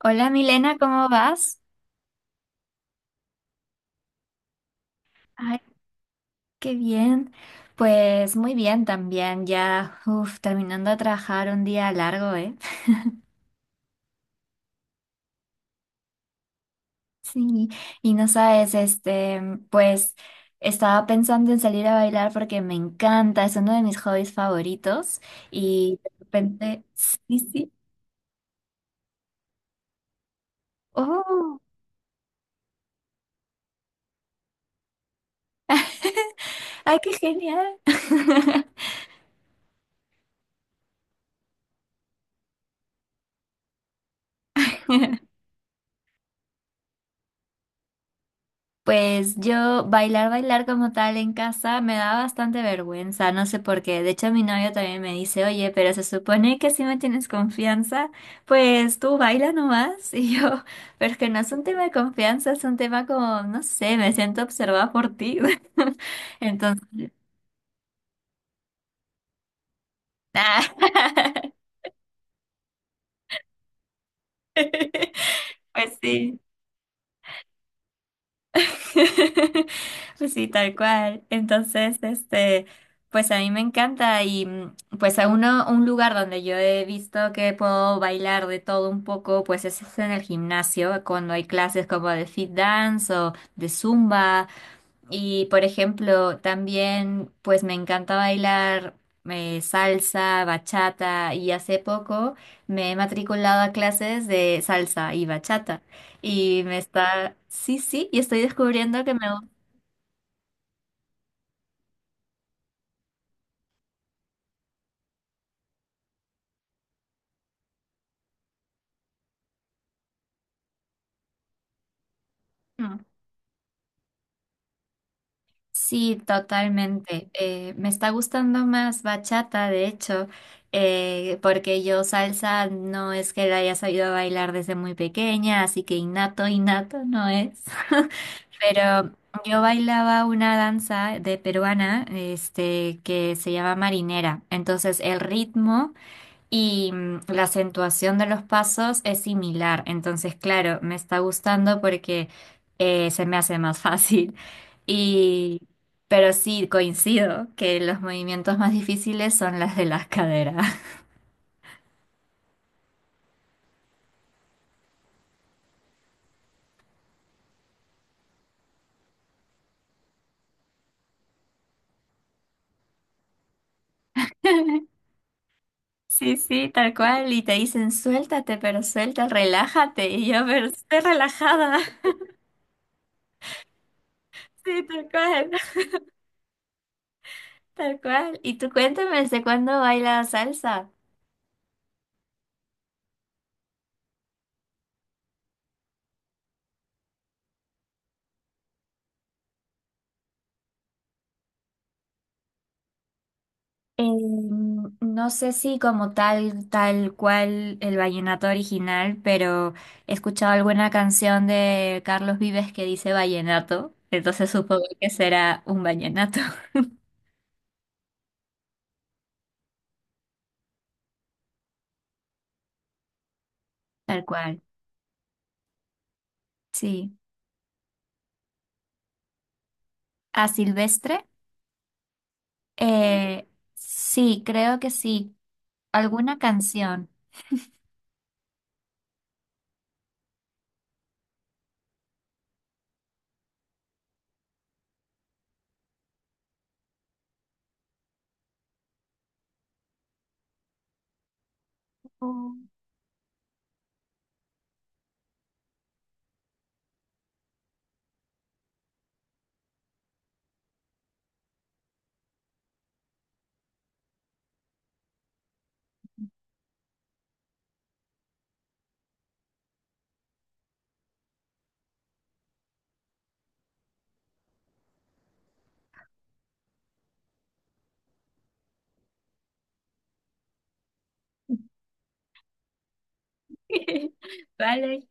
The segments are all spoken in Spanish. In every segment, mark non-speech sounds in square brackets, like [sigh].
Hola Milena, ¿cómo vas? Ay, qué bien. Pues muy bien también, ya uf, terminando de trabajar un día largo, ¿eh? [laughs] Sí, y no sabes, pues estaba pensando en salir a bailar porque me encanta, es uno de mis hobbies favoritos y de repente, sí, sí, oh, [laughs] ay, qué genial. [laughs] Pues yo bailar, bailar como tal en casa me da bastante vergüenza, no sé por qué. De hecho, mi novio también me dice, oye, pero se supone que si me tienes confianza, pues tú baila nomás. [laughs] Y yo, pero es que no es un tema de confianza, es un tema como, no sé, me siento observada por ti. [laughs] Entonces, [laughs] ah, [laughs] pues sí. [laughs] Pues sí, tal cual. Entonces, pues a mí me encanta y pues a uno, un lugar donde yo he visto que puedo bailar de todo un poco, pues es en el gimnasio, cuando hay clases como de fit dance o de zumba. Y por ejemplo, también pues me encanta bailar salsa, bachata y hace poco me he matriculado a clases de salsa y bachata y me está, sí, sí, y estoy descubriendo que me gusta. Sí, totalmente. Me está gustando más bachata, de hecho, porque yo salsa no es que la haya sabido bailar desde muy pequeña, así que innato, innato no es. Pero yo bailaba una danza de peruana, que se llama marinera. Entonces el ritmo y la acentuación de los pasos es similar. Entonces, claro, me está gustando porque se me hace más [laughs] fácil. Y, pero sí, coincido que los movimientos más difíciles son las de las caderas. [laughs] Sí, sí, tal cual. Y te dicen, suéltate, pero suelta, relájate. Y yo, pero estoy relajada. [laughs] Sí, tal cual. Tal cual. Y tú cuéntame, ¿desde cuándo baila salsa? Eh, no sé si como tal, tal cual el vallenato original, pero he escuchado alguna canción de Carlos Vives que dice vallenato, entonces supongo que será un vallenato. [laughs] Tal cual, sí. ¿A Silvestre? Eh, sí, creo que sí. ¿Alguna canción? Oh. [laughs] Vale,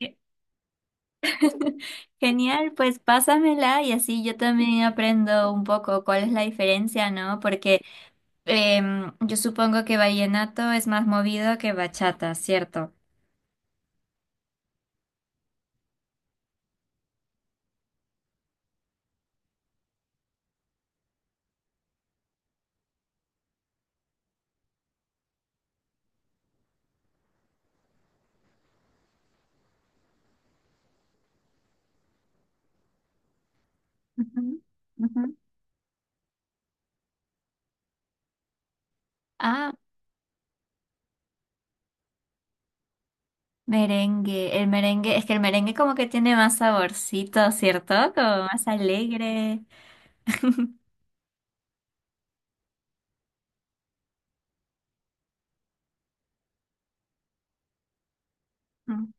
[laughs] genial, pues pásamela y así yo también aprendo un poco cuál es la diferencia, ¿no? Porque yo supongo que vallenato es más movido que bachata, ¿cierto? Ujú, ujú. Ah, merengue. El merengue, es que el merengue como que tiene más saborcito, ¿cierto? Como más alegre. Mm.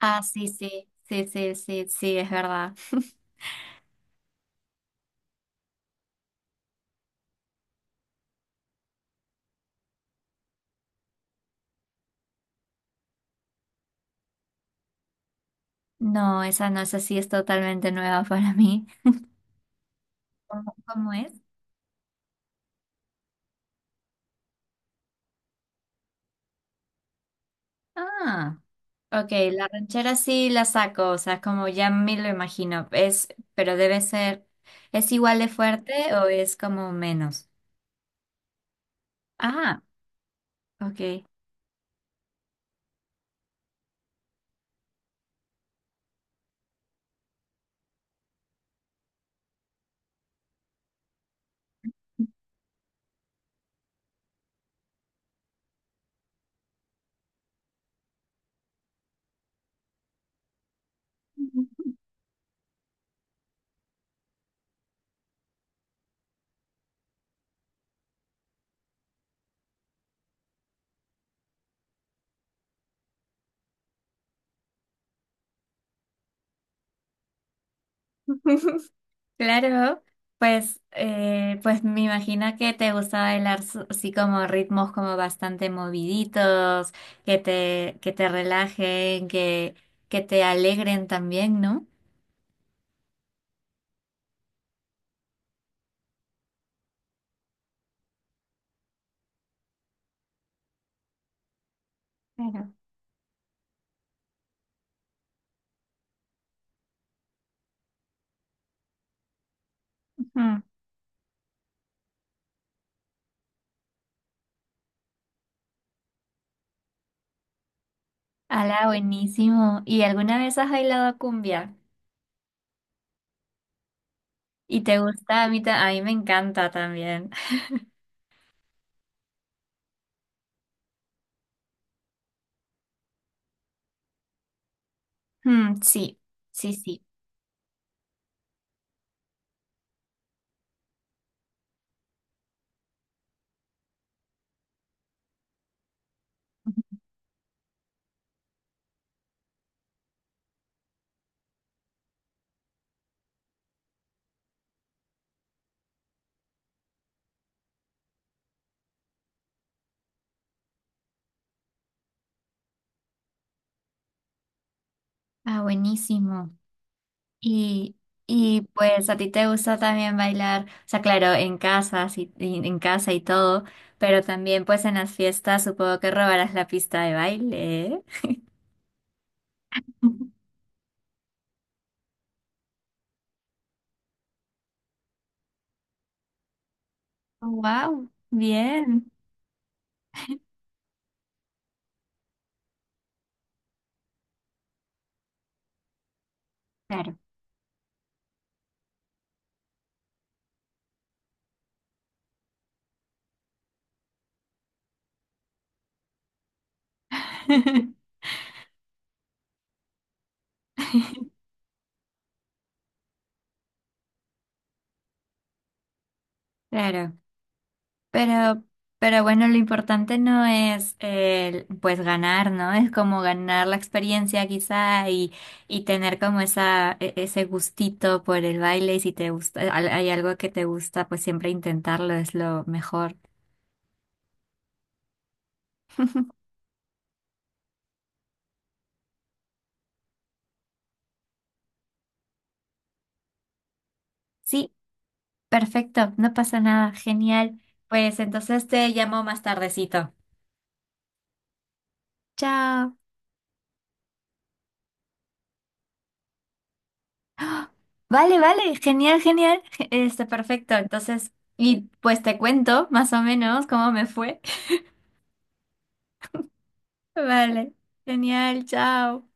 Ah, sí, sí, sí, sí, sí, sí, es verdad. [laughs] No, esa no, esa sí es totalmente nueva para mí. ¿Cómo, cómo es? Ah. Ok, la ranchera sí la saco, o sea, como ya me lo imagino, es, pero debe ser, ¿es igual de fuerte o es como menos? Ah, ok. [laughs] Claro, pues, pues me imagino que te gusta bailar su- así como ritmos como bastante moviditos, que te relajen, que te alegren también, ¿no? Claro. Ujú. Ala, buenísimo. ¿Y alguna vez has bailado cumbia? ¿Y te gusta? A mí, ta- a mí me encanta también. [laughs] Mm, sí, sí, sí. Ah, buenísimo. Y, y pues a ti te gusta también bailar, o sea, claro, en casa, sí, y- en casa y todo, pero también pues en las fiestas supongo que robarás la pista de baile, ¿eh? [laughs] Wow, bien. Claro. [laughs] Claro. Pero, pero bueno, lo importante no es el, pues ganar, ¿no? Es como ganar la experiencia quizá y tener como esa, e- ese gustito por el baile y si te gusta, al- hay algo que te gusta, pues siempre intentarlo es lo mejor. Sí, perfecto, no pasa nada, genial. Pues entonces te llamo más tardecito. Chao. Vale, vale, genial, genial. Perfecto. Entonces, y pues te cuento más o menos cómo me fue. Vale, genial, chao.